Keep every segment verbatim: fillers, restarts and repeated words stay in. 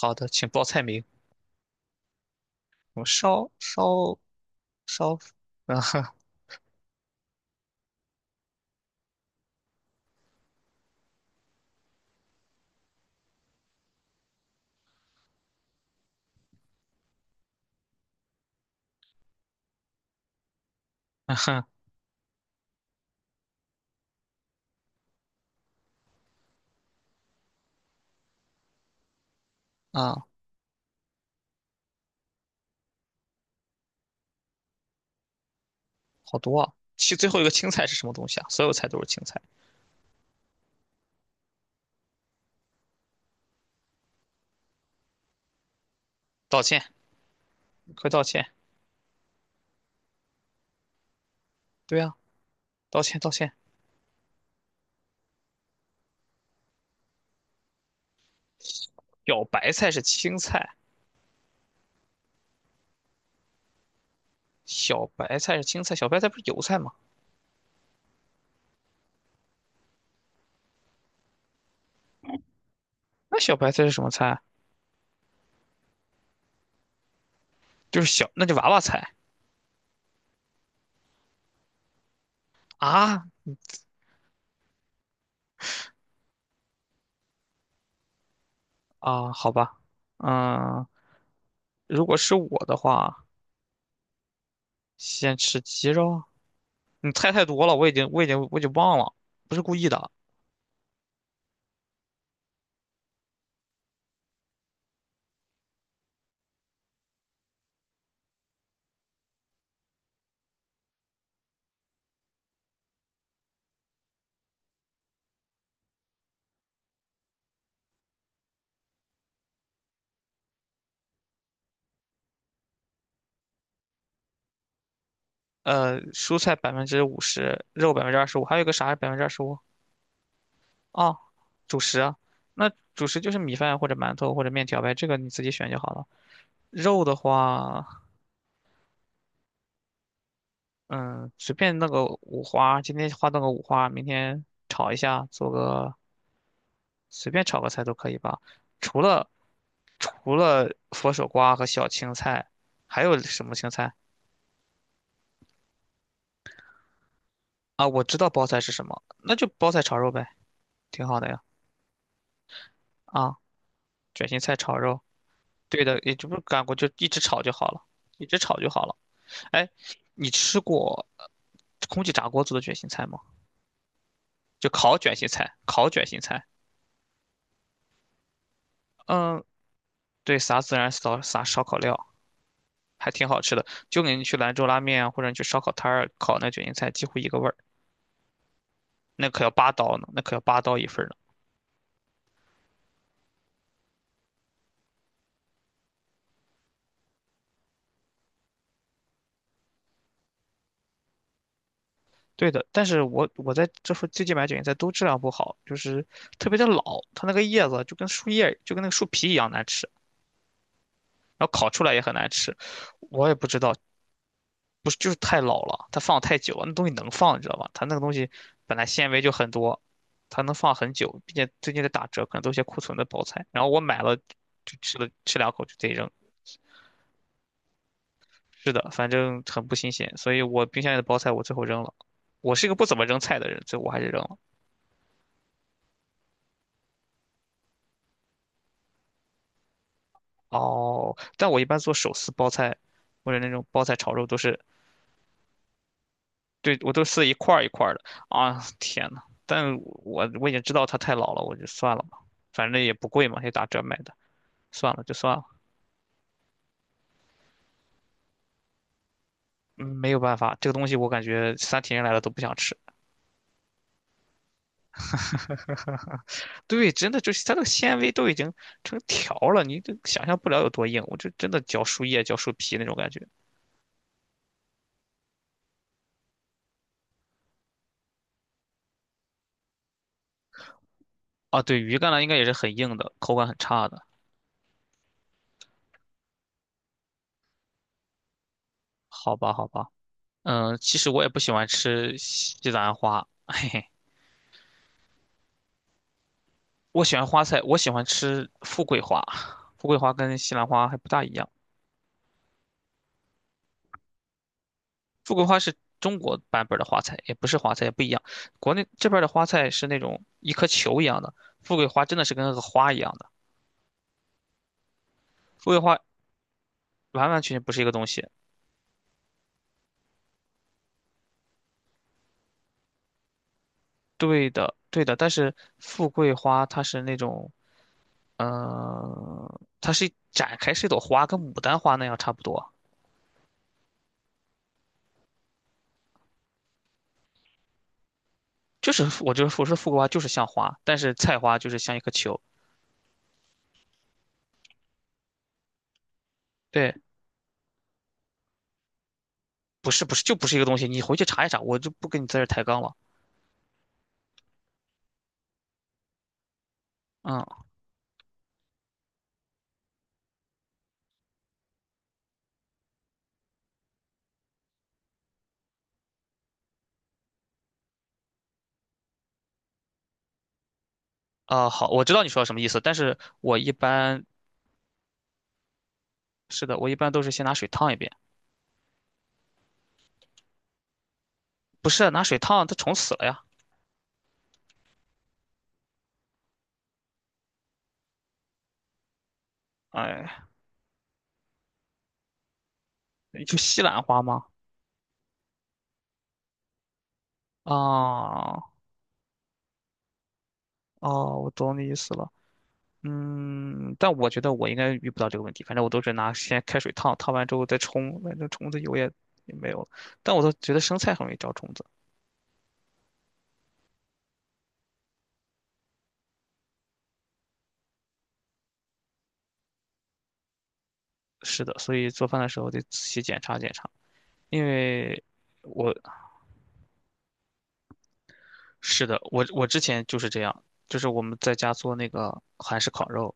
好的，请报菜名。我烧烧烧，嗯哼嗯哼啊，好多啊。其最后一个青菜是什么东西啊？所有菜都是青菜。道歉，快道歉。对啊，道歉道歉。小白菜是青菜，小白菜是青菜，小白菜不是油菜吗？那小白菜是什么菜啊？就是小，那就娃娃菜啊啊，好吧。嗯，如果是我的话，先吃鸡肉。你菜太多了，我已经我已经我已经忘了，不是故意的。呃，蔬菜百分之五十，肉百分之二十五，还有一个啥是百分之二十五？哦，主食啊，那主食就是米饭或者馒头或者面条呗，这个你自己选就好了。肉的话，嗯，随便弄个五花，今天花弄个五花，明天炒一下，做个随便炒个菜都可以吧。除了除了佛手瓜和小青菜，还有什么青菜啊？我知道包菜是什么，那就包菜炒肉呗，挺好的呀。啊，卷心菜炒肉。对的，也就不是干锅，就一直炒就好了，一直炒就好了。哎，你吃过呃空气炸锅做的卷心菜吗？就烤卷心菜，烤卷心菜。嗯，对，撒孜然，撒撒烧烤料，还挺好吃的。就跟你去兰州拉面啊，或者你去烧烤摊儿烤那卷心菜，几乎一个味儿。那可要八刀呢，那可要八刀一份儿呢。对的，但是我我在这附最近买卷心菜都质量不好，就是特别的老，它那个叶子就跟树叶就跟那个树皮一样难吃，然后烤出来也很难吃。我也不知道，不是就是太老了，它放太久了，那东西能放，你知道吧？它那个东西本来纤维就很多，它能放很久，并且最近在打折，可能都是些库存的包菜。然后我买了，就吃了吃两口就得扔。是的，反正很不新鲜，所以我冰箱里的包菜我最后扔了。我是一个不怎么扔菜的人，所以我还是扔了。哦，但我一般做手撕包菜或者那种包菜炒肉都是，对，我都撕一块儿一块儿的。啊，天呐，但我我已经知道它太老了，我就算了吧，反正也不贵嘛，也打折买的。算了，就算了。嗯，没有办法，这个东西我感觉三体人来了都不想吃。对，真的就是它这个纤维都已经成条了，你都想象不了有多硬。我这真的嚼树叶、嚼树皮那种感觉啊。对，鱼干呢应该也是很硬的，口感很差的。好吧，好吧，嗯，其实我也不喜欢吃西兰花，嘿，我喜欢花菜，我喜欢吃富贵花，富贵花跟西兰花还不大一样。富贵花是中国版本的花菜，也不是花菜，也不一样。国内这边的花菜是那种一颗球一样的，富贵花真的是跟那个花一样的。富贵花完完全全不是一个东西。对的，对的，但是富贵花它是那种，嗯，它是展开是一朵花，跟牡丹花那样差不多。就是我就是我说富贵花就是像花，但是菜花就是像一颗球。对，不是不是就不是一个东西，你回去查一查，我就不跟你在这儿抬杠了。嗯。啊、好，我知道你说什么意思，但是我一般是的，我一般都是先拿水烫一遍，不是拿水烫，它虫死了呀。哎，就西兰花吗？啊，哦，我懂你意思了。嗯，但我觉得我应该遇不到这个问题，反正我都是拿先开水烫，烫完之后再冲，反正虫子有也也没有了。但我都觉得生菜很容易招虫子。是的，所以做饭的时候得仔细检查检查，因为我是的，我我之前就是这样，就是我们在家做那个韩式烤肉，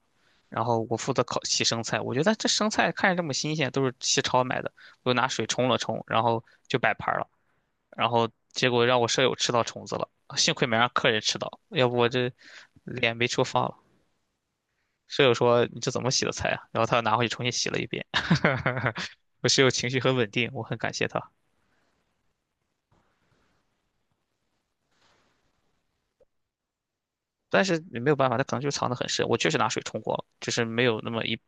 然后我负责烤洗生菜。我觉得这生菜看着这么新鲜，都是西超买的，我就拿水冲了冲，然后就摆盘了。然后结果让我舍友吃到虫子了，幸亏没让客人吃到，要不我这脸没处放了。舍友说：“你这怎么洗的菜啊？”然后他又拿回去重新洗了一遍。我室友情绪很稳定，我很感谢他。但是也没有办法，他可能就藏得很深。我确实拿水冲过了，就是没有那么一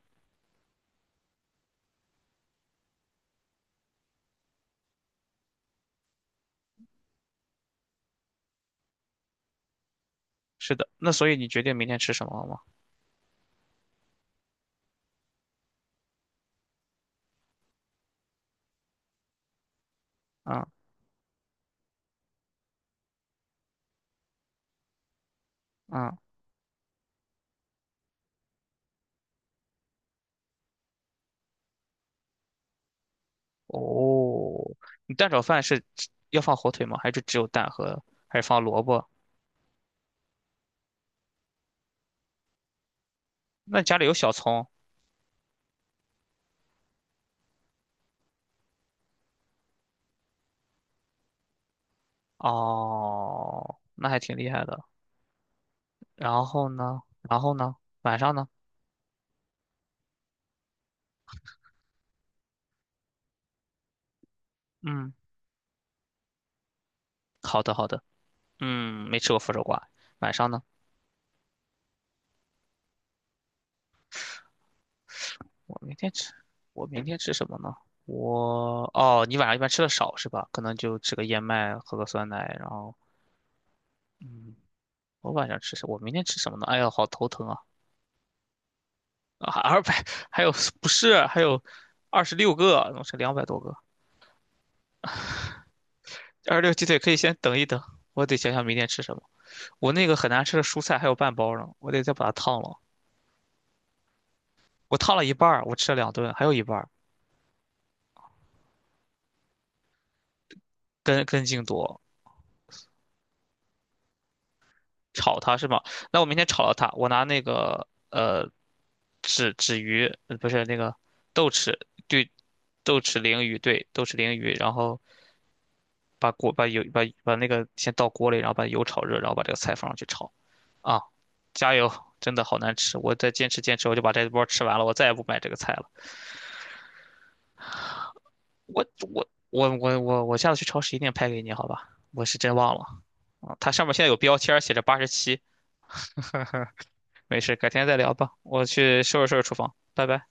是的，那所以你决定明天吃什么了吗？嗯嗯，哦，你蛋炒饭是只要放火腿吗？还是只有蛋和，还是放萝卜？那家里有小葱？哦，那还挺厉害的。然后呢？然后呢？晚上呢？嗯，好的好的。嗯，没吃过佛手瓜。晚上呢？我明天吃，我明天吃什么呢？我哦，你晚上一般吃的少是吧？可能就吃个燕麦，喝个酸奶，然后嗯，我晚上吃什我明天吃什么呢？哎呀，好头疼啊！啊，二百还有不是还有二十六个，弄是两百多个。二十六鸡腿可以先等一等，我得想想明天吃什么。我那个很难吃的蔬菜还有半包呢，我得再把它烫了。我烫了一半儿，我吃了两顿，还有一半儿根根茎多，炒它是吗？那我明天炒了它，我拿那个呃纸纸鱼，呃不是那个豆豉对豆豉鲮鱼对豆豉鲮鱼，然后把锅把油把把那个先倒锅里，然后把油炒热，然后把这个菜放上去炒。啊，加油！真的好难吃，我再坚持坚持，我就把这波吃完了，我再也不买这个菜了。我我我我我我下次去超市一定拍给你，好吧？我是真忘了啊，它上面现在有标签儿写着八十七，没事，改天再聊吧。我去收拾收拾厨房，拜拜。